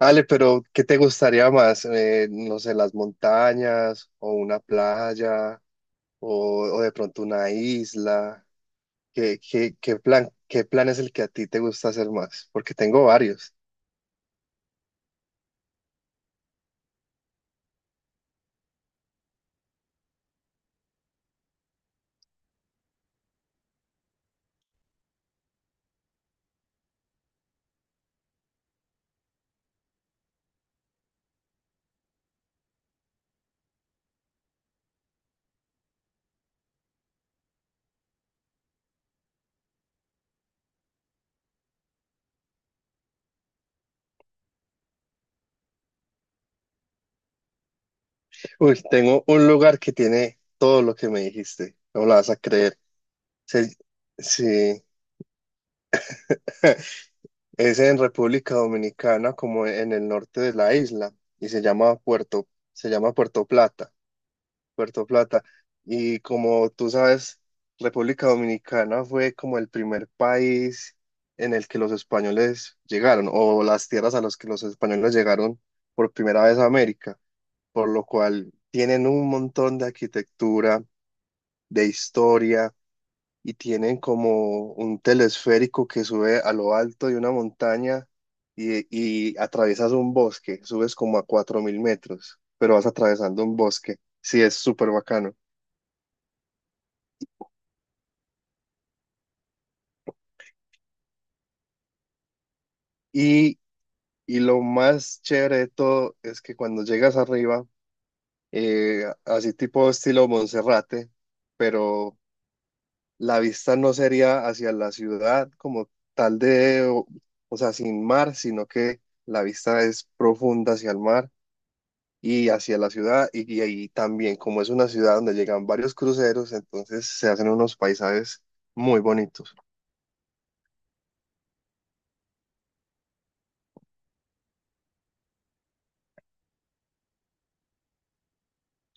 Ale, pero ¿qué te gustaría más? No sé, las montañas o una playa o de pronto una isla. ¿Qué plan es el que a ti te gusta hacer más? Porque tengo varios. Uy, tengo un lugar que tiene todo lo que me dijiste. No me la vas a creer. Se- sí, es en República Dominicana, como en el norte de la isla, y se llama se llama Puerto Plata. Puerto Plata. Y como tú sabes, República Dominicana fue como el primer país en el que los españoles llegaron, o las tierras a las que los españoles llegaron por primera vez a América, por lo cual tienen un montón de arquitectura, de historia, y tienen como un telesférico que sube a lo alto de una montaña y, y atraviesas un bosque, subes como a 4.000 metros, pero vas atravesando un bosque. Sí, es súper bacano. Y, y lo más chévere de todo es que cuando llegas arriba, así tipo estilo Monserrate, pero la vista no sería hacia la ciudad como tal de, o sea, sin mar, sino que la vista es profunda hacia el mar y hacia la ciudad. Y ahí también, como es una ciudad donde llegan varios cruceros, entonces se hacen unos paisajes muy bonitos.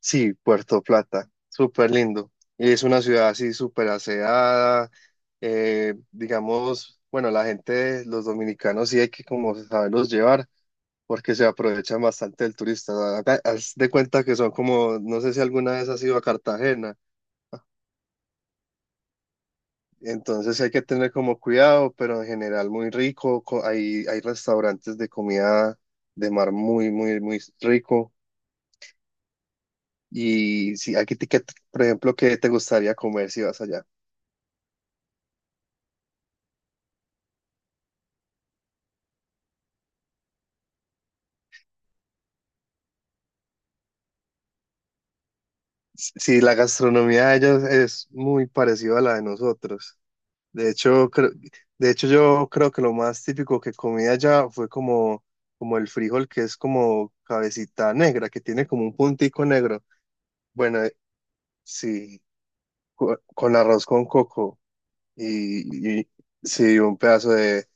Sí, Puerto Plata, súper lindo. Y es una ciudad así súper aseada, digamos, bueno, la gente, los dominicanos sí hay que como saberlos llevar porque se aprovechan bastante del turista. Haz de cuenta que son como, no sé si alguna vez has ido a Cartagena, entonces hay que tener como cuidado, pero en general muy rico, hay, hay restaurantes de comida de mar muy, muy, muy rico. Y si aquí, por ejemplo, ¿qué te gustaría comer si vas allá? Sí, la gastronomía de ellos es muy parecida a la de nosotros. De hecho, creo- de hecho yo creo que lo más típico que comí allá fue como, como el frijol, que es como cabecita negra, que tiene como un puntico negro. Bueno, sí, con arroz con coco y, y- sí, un pedazo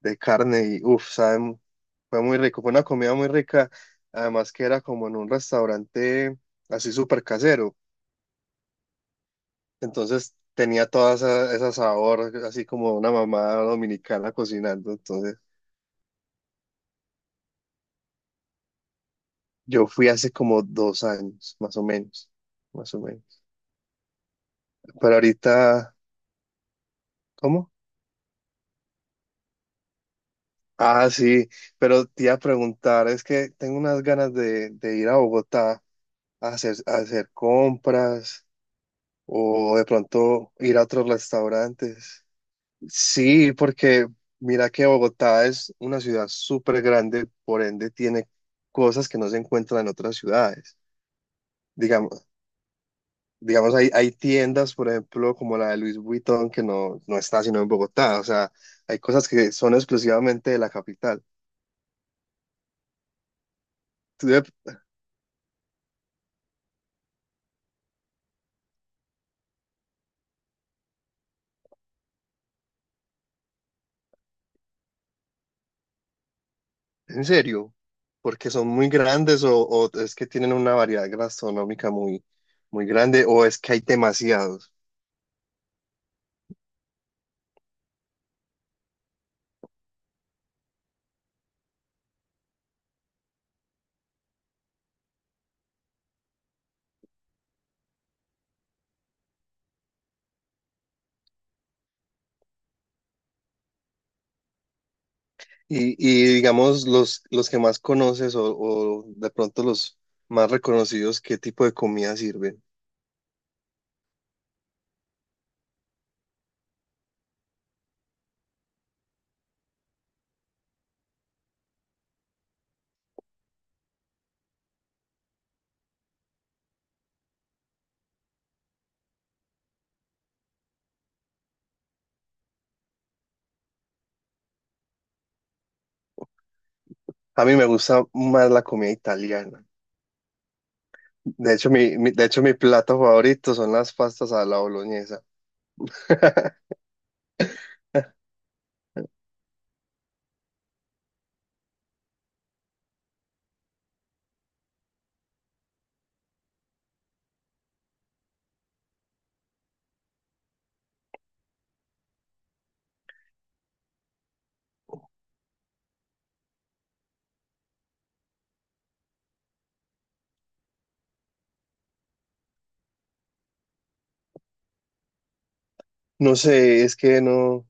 de carne y uff, saben, fue muy rico, fue una comida muy rica, además que era como en un restaurante así súper casero. Entonces tenía toda esa, esa sabor, así como una mamá dominicana cocinando. Entonces yo fui hace como 2 años, más o menos, más o menos. Pero ahorita, ¿cómo? Ah, sí, pero te iba a preguntar, es que tengo unas ganas de ir a Bogotá a a hacer compras o de pronto ir a otros restaurantes. Sí, porque mira que Bogotá es una ciudad súper grande, por ende tiene cosas que no se encuentran en otras ciudades. Digamos, digamos hay, hay tiendas, por ejemplo, como la de Louis Vuitton, que no está sino en Bogotá. O sea, hay cosas que son exclusivamente de la capital. Tú de- ¿En serio? Porque son muy grandes o es que tienen una variedad gastronómica muy, muy grande o es que hay demasiados. Y digamos, los que más conoces o de pronto los más reconocidos, ¿qué tipo de comida sirven? A mí me gusta más la comida italiana. De hecho, de hecho, mi plato favorito son las pastas a la boloñesa. No sé, es que no,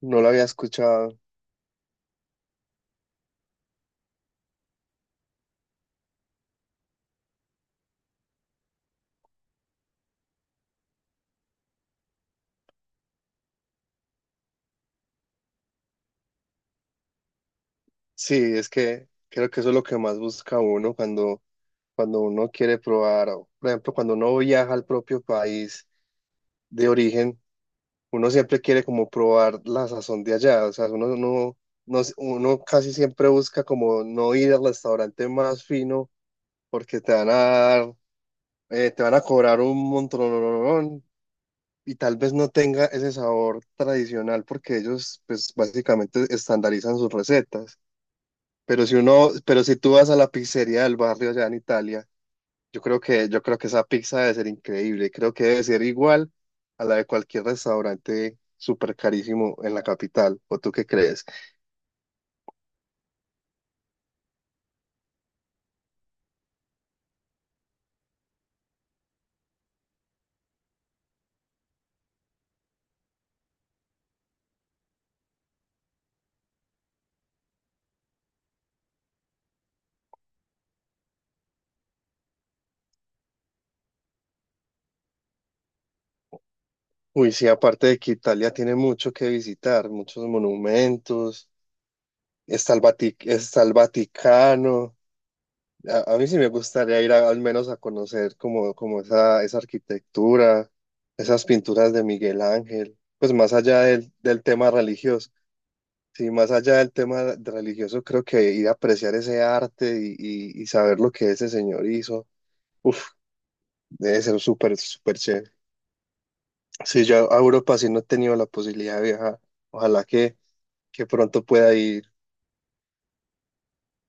no lo había escuchado. Sí, es que creo que eso es lo que más busca uno cuando, cuando uno quiere probar, o, por ejemplo, cuando uno viaja al propio país de origen. Uno siempre quiere como probar la sazón de allá, o sea, uno no, no- uno casi siempre busca como no ir al restaurante más fino porque te van a dar, te van a cobrar un montón y tal vez no tenga ese sabor tradicional porque ellos pues básicamente estandarizan sus recetas. Pero si tú vas a la pizzería del barrio allá en Italia yo creo que esa pizza debe ser increíble. Creo que debe ser igual a la de cualquier restaurante súper carísimo en la capital. ¿O tú qué crees? Uy, sí, aparte de que Italia tiene mucho que visitar, muchos monumentos. Está el está el Vaticano. A mí sí me gustaría ir al menos a conocer como, como esa arquitectura, esas pinturas de Miguel Ángel. Pues más allá del, del tema religioso. Sí, más allá del religioso, creo que ir a apreciar ese arte y saber lo que ese señor hizo, uf, debe ser súper, súper chévere. Sí, yo a Europa sí no he tenido la posibilidad de viajar. Ojalá que, que pronto pueda ir,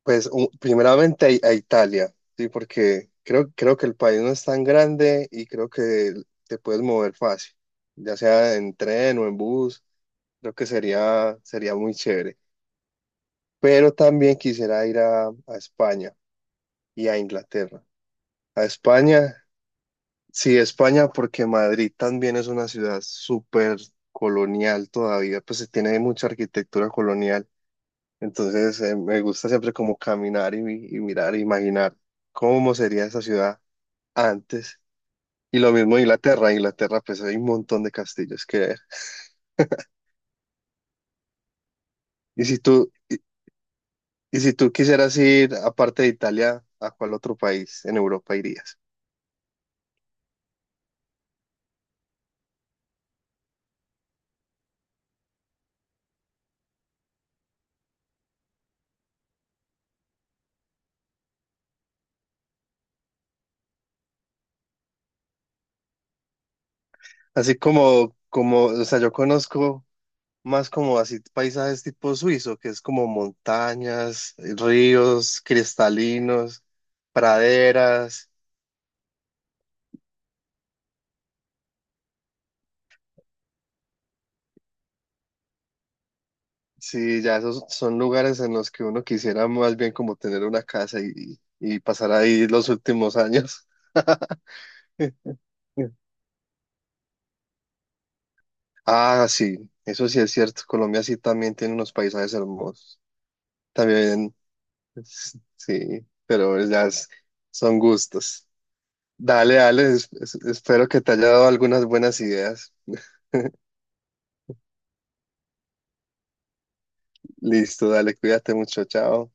pues, primeramente a Italia, sí, porque creo que el país no es tan grande y creo que te puedes mover fácil, ya sea en tren o en bus, creo que sería muy chévere. Pero también quisiera ir a España y a Inglaterra. A España, sí, España, porque Madrid también es una ciudad súper colonial todavía, pues se tiene mucha arquitectura colonial. Entonces, me gusta siempre como caminar y, mirar, e imaginar cómo sería esa ciudad antes. Y lo mismo Inglaterra, Inglaterra, pues hay un montón de castillos que ver. Y si tú, y, y si tú quisieras ir, aparte de Italia, ¿a cuál otro país en Europa irías? Así como, como, o sea, yo conozco más como así paisajes tipo suizo, que es como montañas, ríos cristalinos, praderas. Sí, ya esos son lugares en los que uno quisiera más bien como tener una casa y pasar ahí los últimos años. Ah, sí, eso sí es cierto. Colombia sí también tiene unos paisajes hermosos. También, sí, son gustos. Dale, dale, espero que te haya dado algunas buenas ideas. Listo, dale, cuídate mucho, chao.